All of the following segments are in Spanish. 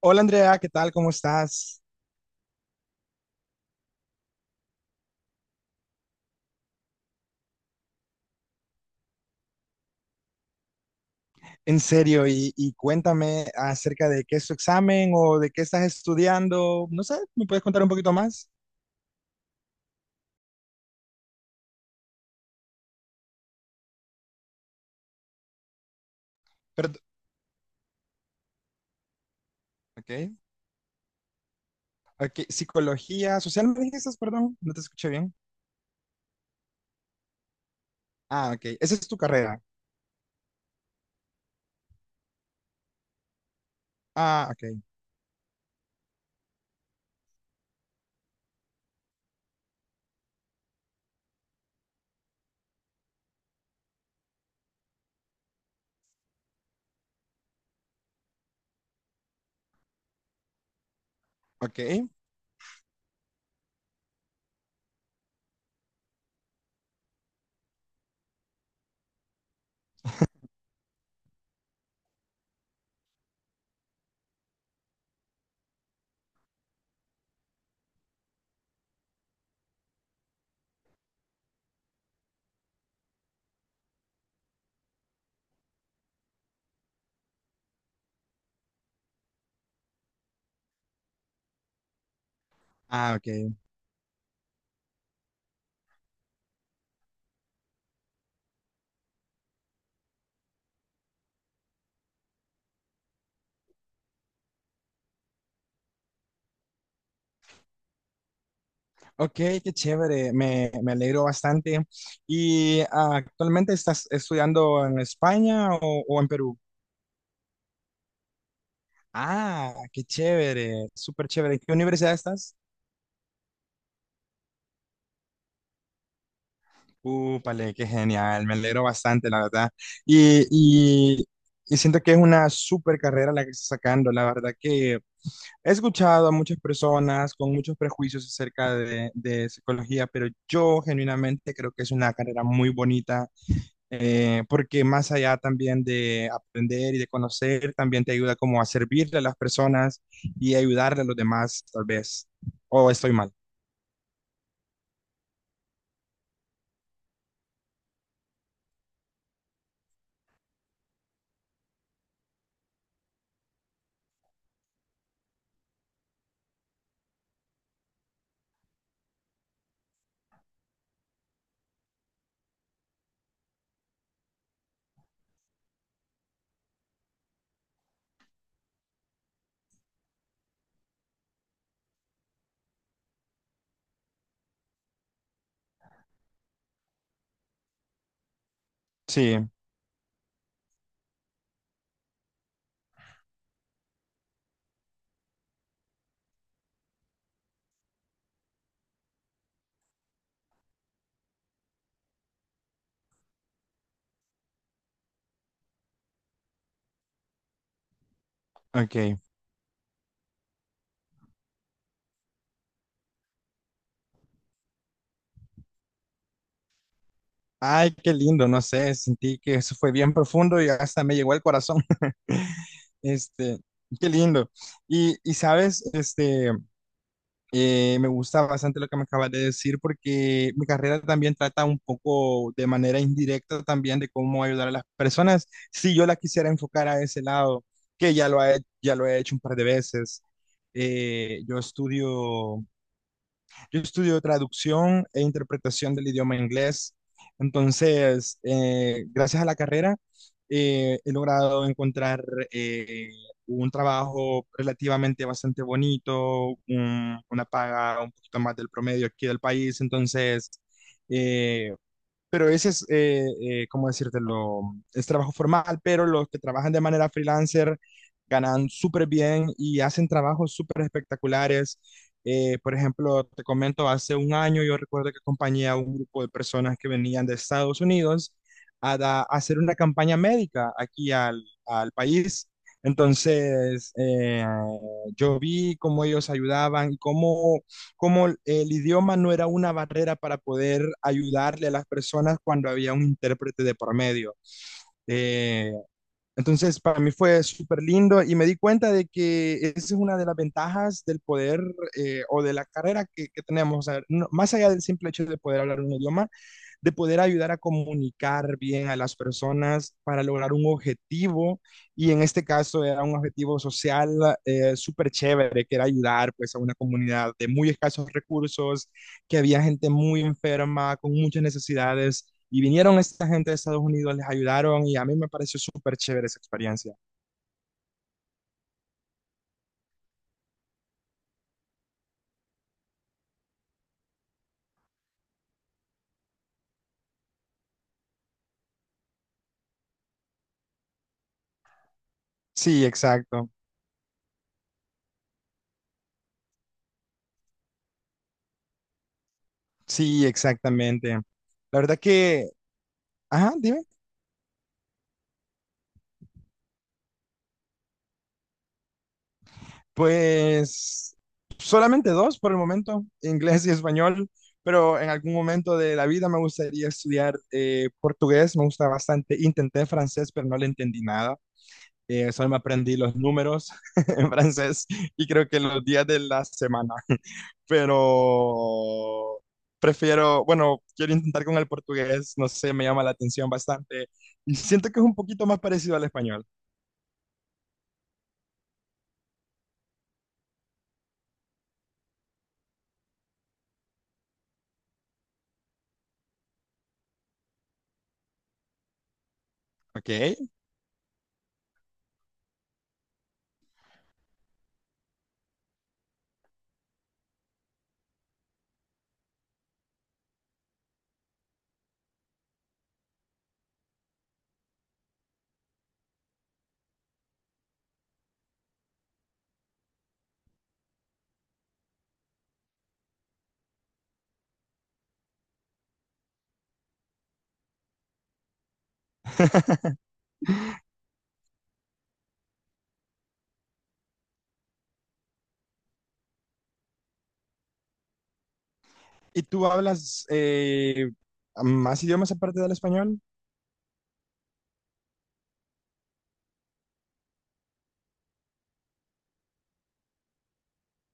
Hola Andrea, ¿qué tal? ¿Cómo estás? En serio, y cuéntame acerca de qué es tu examen o de qué estás estudiando. No sé, ¿me puedes contar un poquito más? Perdón, ok. Ok, psicología social, ¿me dijiste? Perdón, no te escuché bien. Ah, ok, esa es tu carrera. Ah, ok, ok. Ah, ok. Ok, qué chévere, me alegro bastante. ¿Y actualmente estás estudiando en España o en Perú? Ah, qué chévere, súper chévere. ¿En qué universidad estás? Úpale, qué genial, me alegro bastante, la verdad. Y, y, y siento que es una súper carrera la que está sacando, la verdad que he escuchado a muchas personas con muchos prejuicios acerca de psicología, pero yo genuinamente creo que es una carrera muy bonita, porque más allá también de aprender y de conocer, también te ayuda como a servirle a las personas y ayudarle a los demás, tal vez. ¿O estoy mal? Sí, ok. Ay, qué lindo, no sé, sentí que eso fue bien profundo y hasta me llegó al corazón. Este, qué lindo. Y sabes, me gusta bastante lo que me acabas de decir porque mi carrera también trata un poco de manera indirecta también de cómo ayudar a las personas. Si yo la quisiera enfocar a ese lado, que ya lo he hecho un par de veces. Eh, yo estudio yo estudio traducción e interpretación del idioma inglés. Entonces, gracias a la carrera, he logrado encontrar eh, un trabajo relativamente bastante bonito, una paga un poquito más del promedio aquí del país. Entonces, eh, pero ese es, ¿cómo decírtelo? Es trabajo formal, pero los que trabajan de manera freelancer ganan súper bien y hacen trabajos súper espectaculares. Por ejemplo, te comento, hace un año yo recuerdo que acompañé a un grupo de personas que venían de Estados Unidos a, a hacer una campaña médica aquí al país. Entonces, yo vi cómo ellos ayudaban y cómo el idioma no era una barrera para poder ayudarle a las personas cuando había un intérprete de por medio. Eh, entonces, para mí fue súper lindo y me di cuenta de que esa es una de las ventajas del poder o de la carrera que tenemos. O sea, no, más allá del simple hecho de poder hablar un idioma, de poder ayudar a comunicar bien a las personas para lograr un objetivo. Y en este caso era un objetivo social, súper chévere, que era ayudar pues a una comunidad de muy escasos recursos, que había gente muy enferma, con muchas necesidades. Y vinieron esta gente de Estados Unidos, les ayudaron y a mí me pareció súper chévere esa experiencia. Sí, exacto. Sí, exactamente. La verdad que, ajá, dime. Pues solamente dos por el momento, inglés y español, pero en algún momento de la vida me gustaría estudiar portugués, me gusta bastante. Intenté francés, pero no le entendí nada. Solo me aprendí los números en francés y creo que los días de la semana, pero prefiero, bueno, quiero intentar con el portugués, no sé, me llama la atención bastante y siento que es un poquito más parecido al español, ¿ok? ¿Y tú hablas más idiomas aparte del español?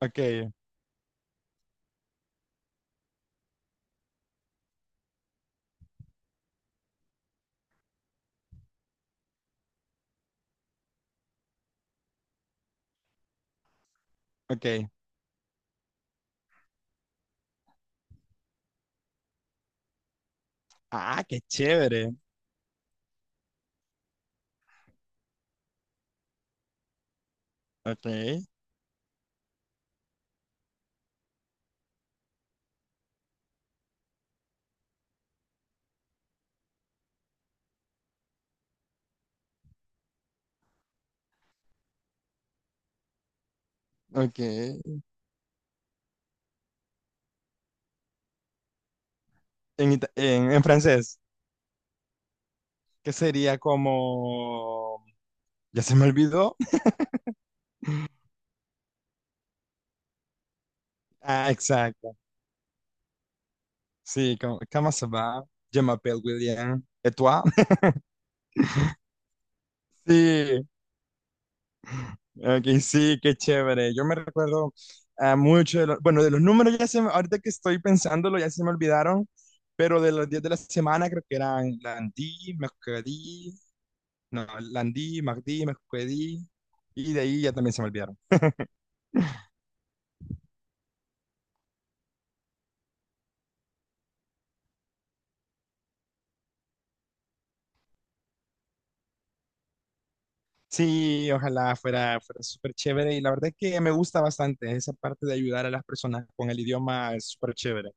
Ok, ok. Ah, qué chévere. Ok, ok. En francés, ¿qué sería como... Ya se me olvidó. Ah, exacto. Sí, como, ¿cómo se va? Je m'appelle William. ¿Et toi? Sí. Ok, sí, qué chévere. Yo me recuerdo a mucho de los, bueno, de los números ya se me, ahorita que estoy pensándolo ya se me olvidaron, pero de los días de la semana creo que eran Landí, Mercredí, no, Landí, Mardí, Mercredí, y de ahí ya también se me olvidaron. Sí, ojalá fuera, fuera súper chévere y la verdad es que me gusta bastante esa parte de ayudar a las personas con el idioma, es súper chévere.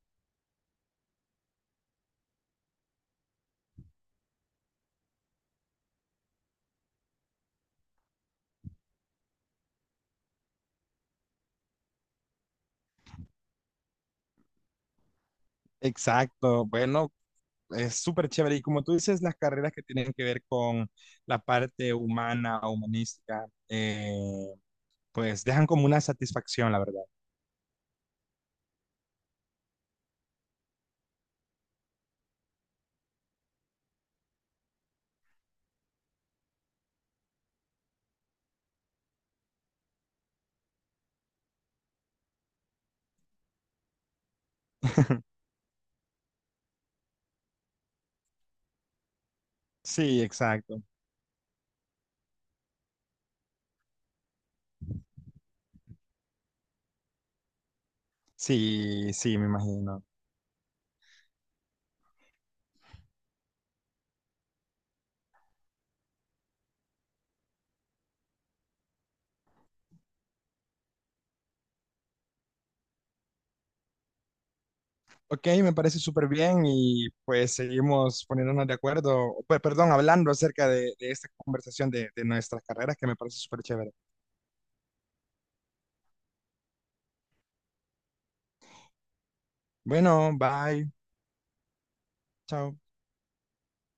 Exacto, bueno, es súper chévere. Y como tú dices, las carreras que tienen que ver con la parte humana, humanística, pues dejan como una satisfacción, la verdad. Sí, exacto. Sí, sí, me imagino. Ok, me parece súper bien y pues seguimos poniéndonos de acuerdo, perdón, hablando acerca de esta conversación de nuestras carreras que me parece súper chévere. Bueno, bye, chao.